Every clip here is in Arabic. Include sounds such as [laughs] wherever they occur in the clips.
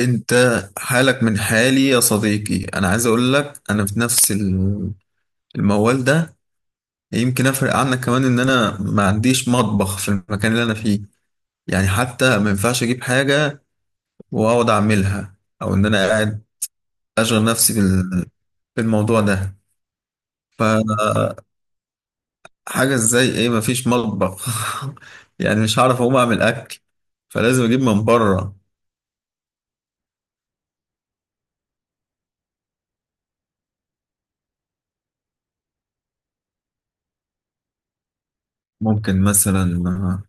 انت حالك من حالي يا صديقي، انا عايز اقول لك انا في نفس الموال ده. يمكن افرق عنك كمان ان انا ما عنديش مطبخ في المكان اللي انا فيه، يعني حتى ما ينفعش اجيب حاجة واقعد اعملها، او ان انا قاعد اشغل نفسي بالموضوع ده. فحاجة، ازاي، ايه؟ ما فيش مطبخ؟ [laughs] يعني مش هعرف اقوم اعمل اكل، فلازم اجيب من بره. ممكن مثلا آه،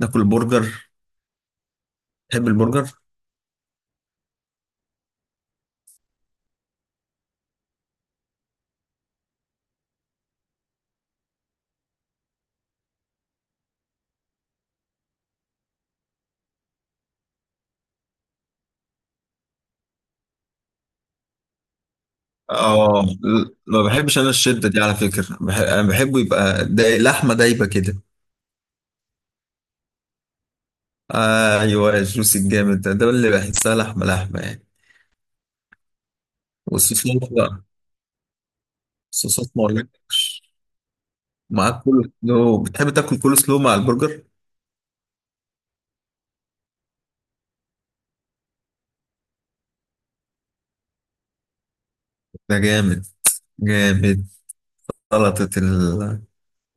ناكل برجر. تحب البرجر؟ اه، ما بحبش انا الشده دي على فكره، انا بحبه يبقى لحمه دايبه كده. آه ايوه، الجوس الجامد ده، ده اللي بحسها لحمه لحمه يعني. والصوصات بقى، الصوصات ما اقولكش. معاك كل سلو؟ بتحب تاكل كل سلو مع البرجر؟ ده جامد جامد. سلطه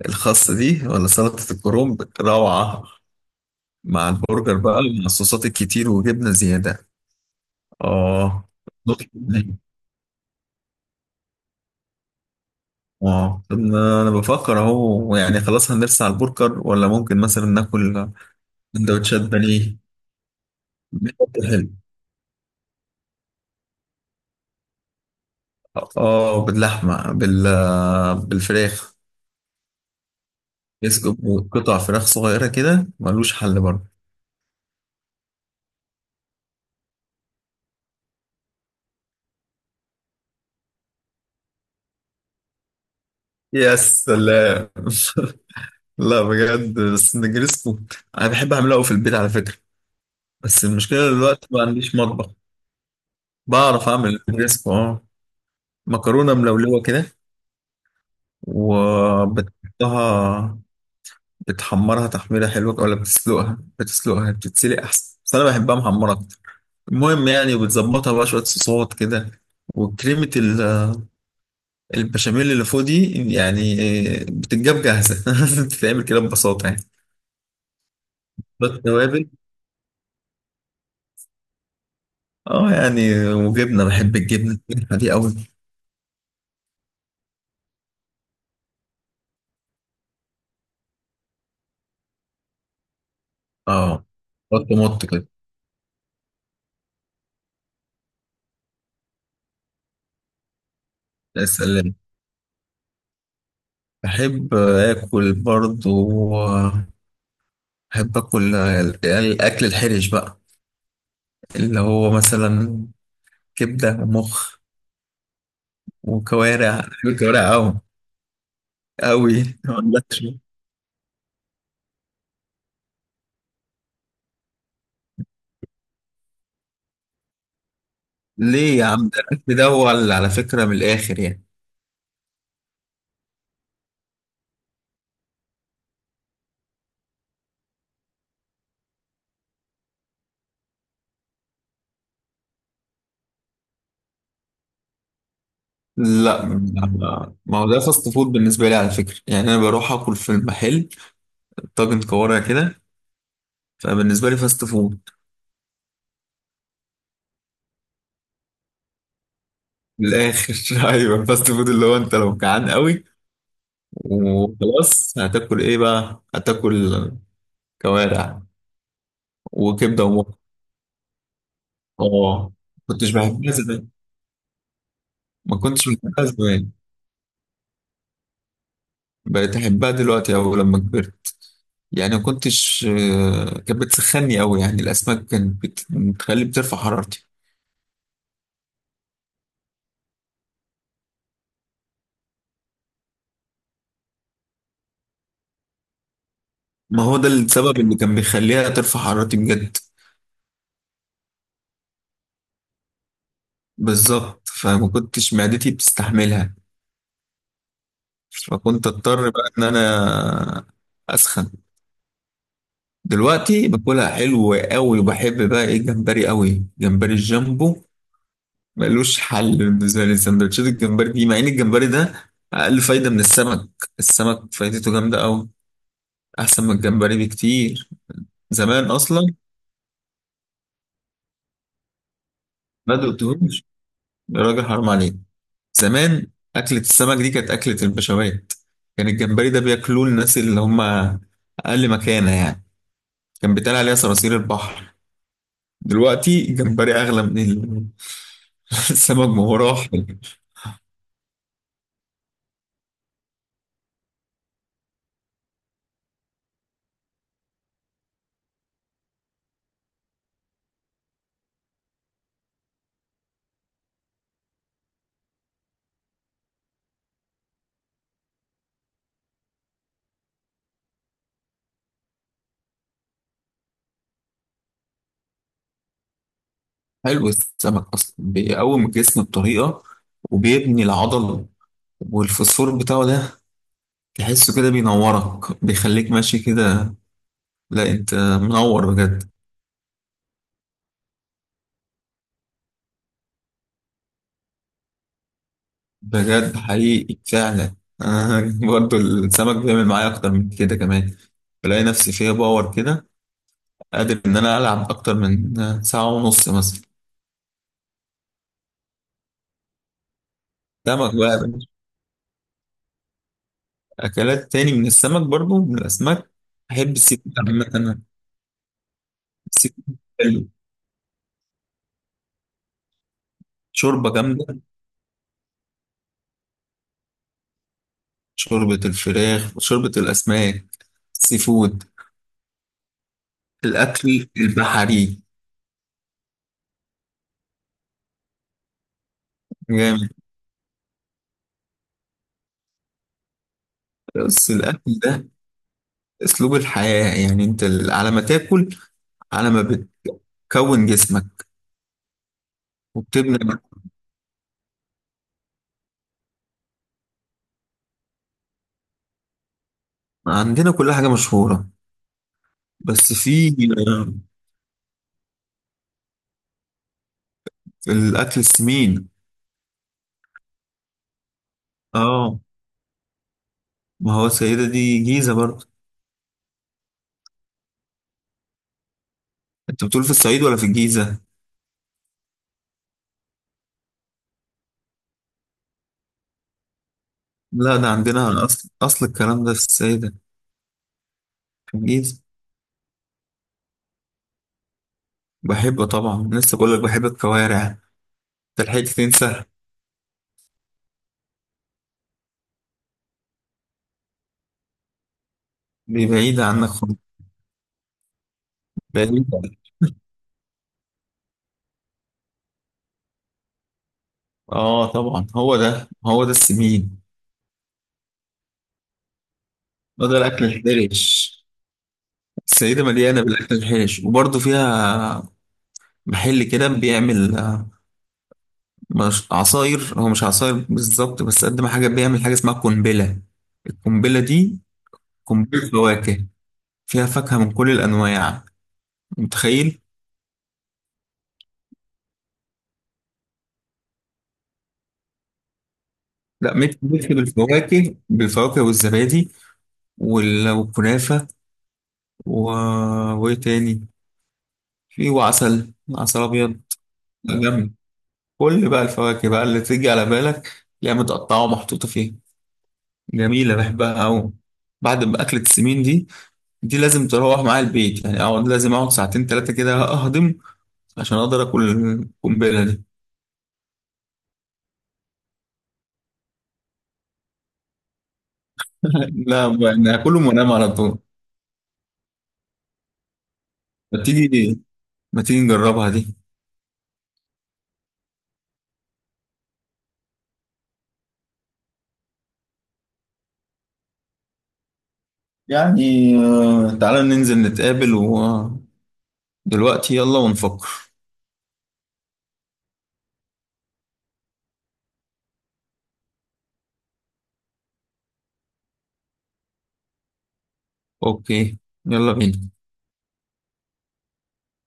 الخاص دي ولا سلطه الكرنب، روعه مع البرجر بقى، مع الصوصات الكتير وجبنه زياده. اه اه، طب ما انا بفكر اهو، يعني خلاص هنرسى على البرجر ولا ممكن مثلا ناكل سندوتشات بانيه بشكل حلو. اه، باللحمه بالفراخ. يسكب قطع فراخ صغيره كده ملوش حل برضه. يا سلام [laughs] لا بجد، بس نجرسكو انا بحب اعمله قوي في البيت على فكره، بس المشكله دلوقتي ما عنديش مطبخ. بعرف اعمل نجرسكو اه. مكرونه ملولوه كده، وبتحطها، بتحمرها تحميرة حلوة، ولا بتسلقها بتتسلق أحسن، بس أنا بحبها محمرة أكتر. المهم يعني، وبتظبطها بقى شوية صوصات كده، وكريمة البشاميل اللي فوق دي يعني، بتتجاب جاهزة. [laughs] بتتعمل كده ببساطة يعني. بس توابل. اه يعني، وجبنة، بحب الجبنة دي أوي. اه، بط مط كده. يا سلام. بحب آكل برضو، بحب آكل الأكل الحرش بقى، اللي هو مثلا كبدة ومخ وكوارع. أنا كوارع أوي أوي. ما عندكش؟ ليه يا عم؟ ده الأكل ده هو على فكرة من الآخر يعني. لا، ما هو ده فاست فود بالنسبة لي على فكرة، يعني أنا بروح أكل في المحل طاجن كوارع كده، فبالنسبة لي فاست فود. من الآخر [laughs] أيوه فاست فود اللي هو أنت لو جعان قوي وخلاص هتاكل إيه؟ بقى هتاكل كوارع وكبدة ومخ. آه. ما كنتش بحبها زمان، ما كنتش بحبها زمان، بقيت احبها دلوقتي او لما كبرت. يعني ما كنتش، كانت بتسخني قوي، يعني الاسماك كانت بت- بتخلي بترفع حرارتي. ما هو ده السبب اللي كان بيخليها ترفع حرارتي بجد. بالظبط، فما كنتش معدتي بتستحملها، فكنت اضطر بقى ان انا اسخن. دلوقتي باكلها حلو قوي، وبحب بقى ايه، الجمبري قوي، جمبري الجامبو ملوش حل بالنسبه لي. سندوتشات الجمبري دي، مع ان الجمبري ده اقل فايده من السمك. السمك فايدته جامده قوي، احسن من الجمبري بكتير زمان اصلا. ما دقتهوش يا راجل، حرام عليك. زمان اكله السمك دي كانت اكله البشوات، كان الجمبري ده بياكلوه الناس اللي هم اقل مكانه يعني، كان بيتقال عليها صراصير البحر. دلوقتي الجمبري اغلى من [laughs] السمك. ما هو راح. حلو، السمك اصلا بيقوم الجسم بطريقه، وبيبني العضل، والفوسفور بتاعه ده تحسه كده بينورك، بيخليك ماشي كده. لا انت منور بجد. بجد حقيقي فعلا. آه [laughs] برضو السمك بيعمل معايا اكتر من كده كمان، بلاقي نفسي فيها باور كده، قادر ان انا العب اكتر من ساعة ونص مثلا. سمك بقى يا باشا. اكلات تاني من السمك، برضو من الاسماك. احب السيفود عامة أنا. السيفود حلو. شوربة جامدة، شوربة الفراخ وشوربة الاسماك، السيفود، الاكل البحري. جامد. بس الاكل ده اسلوب الحياة يعني، انت على ما تاكل على ما بتكون جسمك وبتبني. عندنا كل حاجة مشهورة، بس في الأكل السمين. اه، ما هو السيدة دي جيزة برضه. انت بتقول في الصعيد ولا في الجيزة؟ لا، ده عندنا، أصل الكلام ده في السيدة، في الجيزة. بحب طبعا، لسه بقول لك بحب الكوارع، انت لحقت تنسى؟ دي بعيدة عنك خالص. بعيدة. اه طبعا، هو ده هو ده السمين. هو ده الأكل الحرش. السيدة مليانة بالأكل الحرش، وبرضه فيها محل كده بيعمل مش عصاير، هو مش عصاير بالظبط، بس قد ما حاجة، بيعمل حاجة اسمها قنبلة. القنبلة دي قنبلة فواكه، فيها فاكهة من كل الأنواع، متخيل؟ لا، ميكس ميكس بالفواكه والزبادي والكنافة و... وإيه تاني؟ في، وعسل، عسل أبيض. لا، جامد. كل بقى الفواكه بقى اللي تيجي على بالك تلاقيها متقطعة ومحطوطة فيها. جميلة، بحبها أوي. بعد ما أكلة السمين دي، دي لازم تروح معايا البيت يعني، اقعد، لازم اقعد ساعتين ثلاثه كده اهضم، عشان اقدر اكل القنبله دي. [laughs] لا، انا هاكلهم وانام على طول. ما تيجي ما تيجي نجربها دي. يعني تعالى ننزل نتقابل ودلوقتي، يلا ونفكر. اوكي، يلا بينا.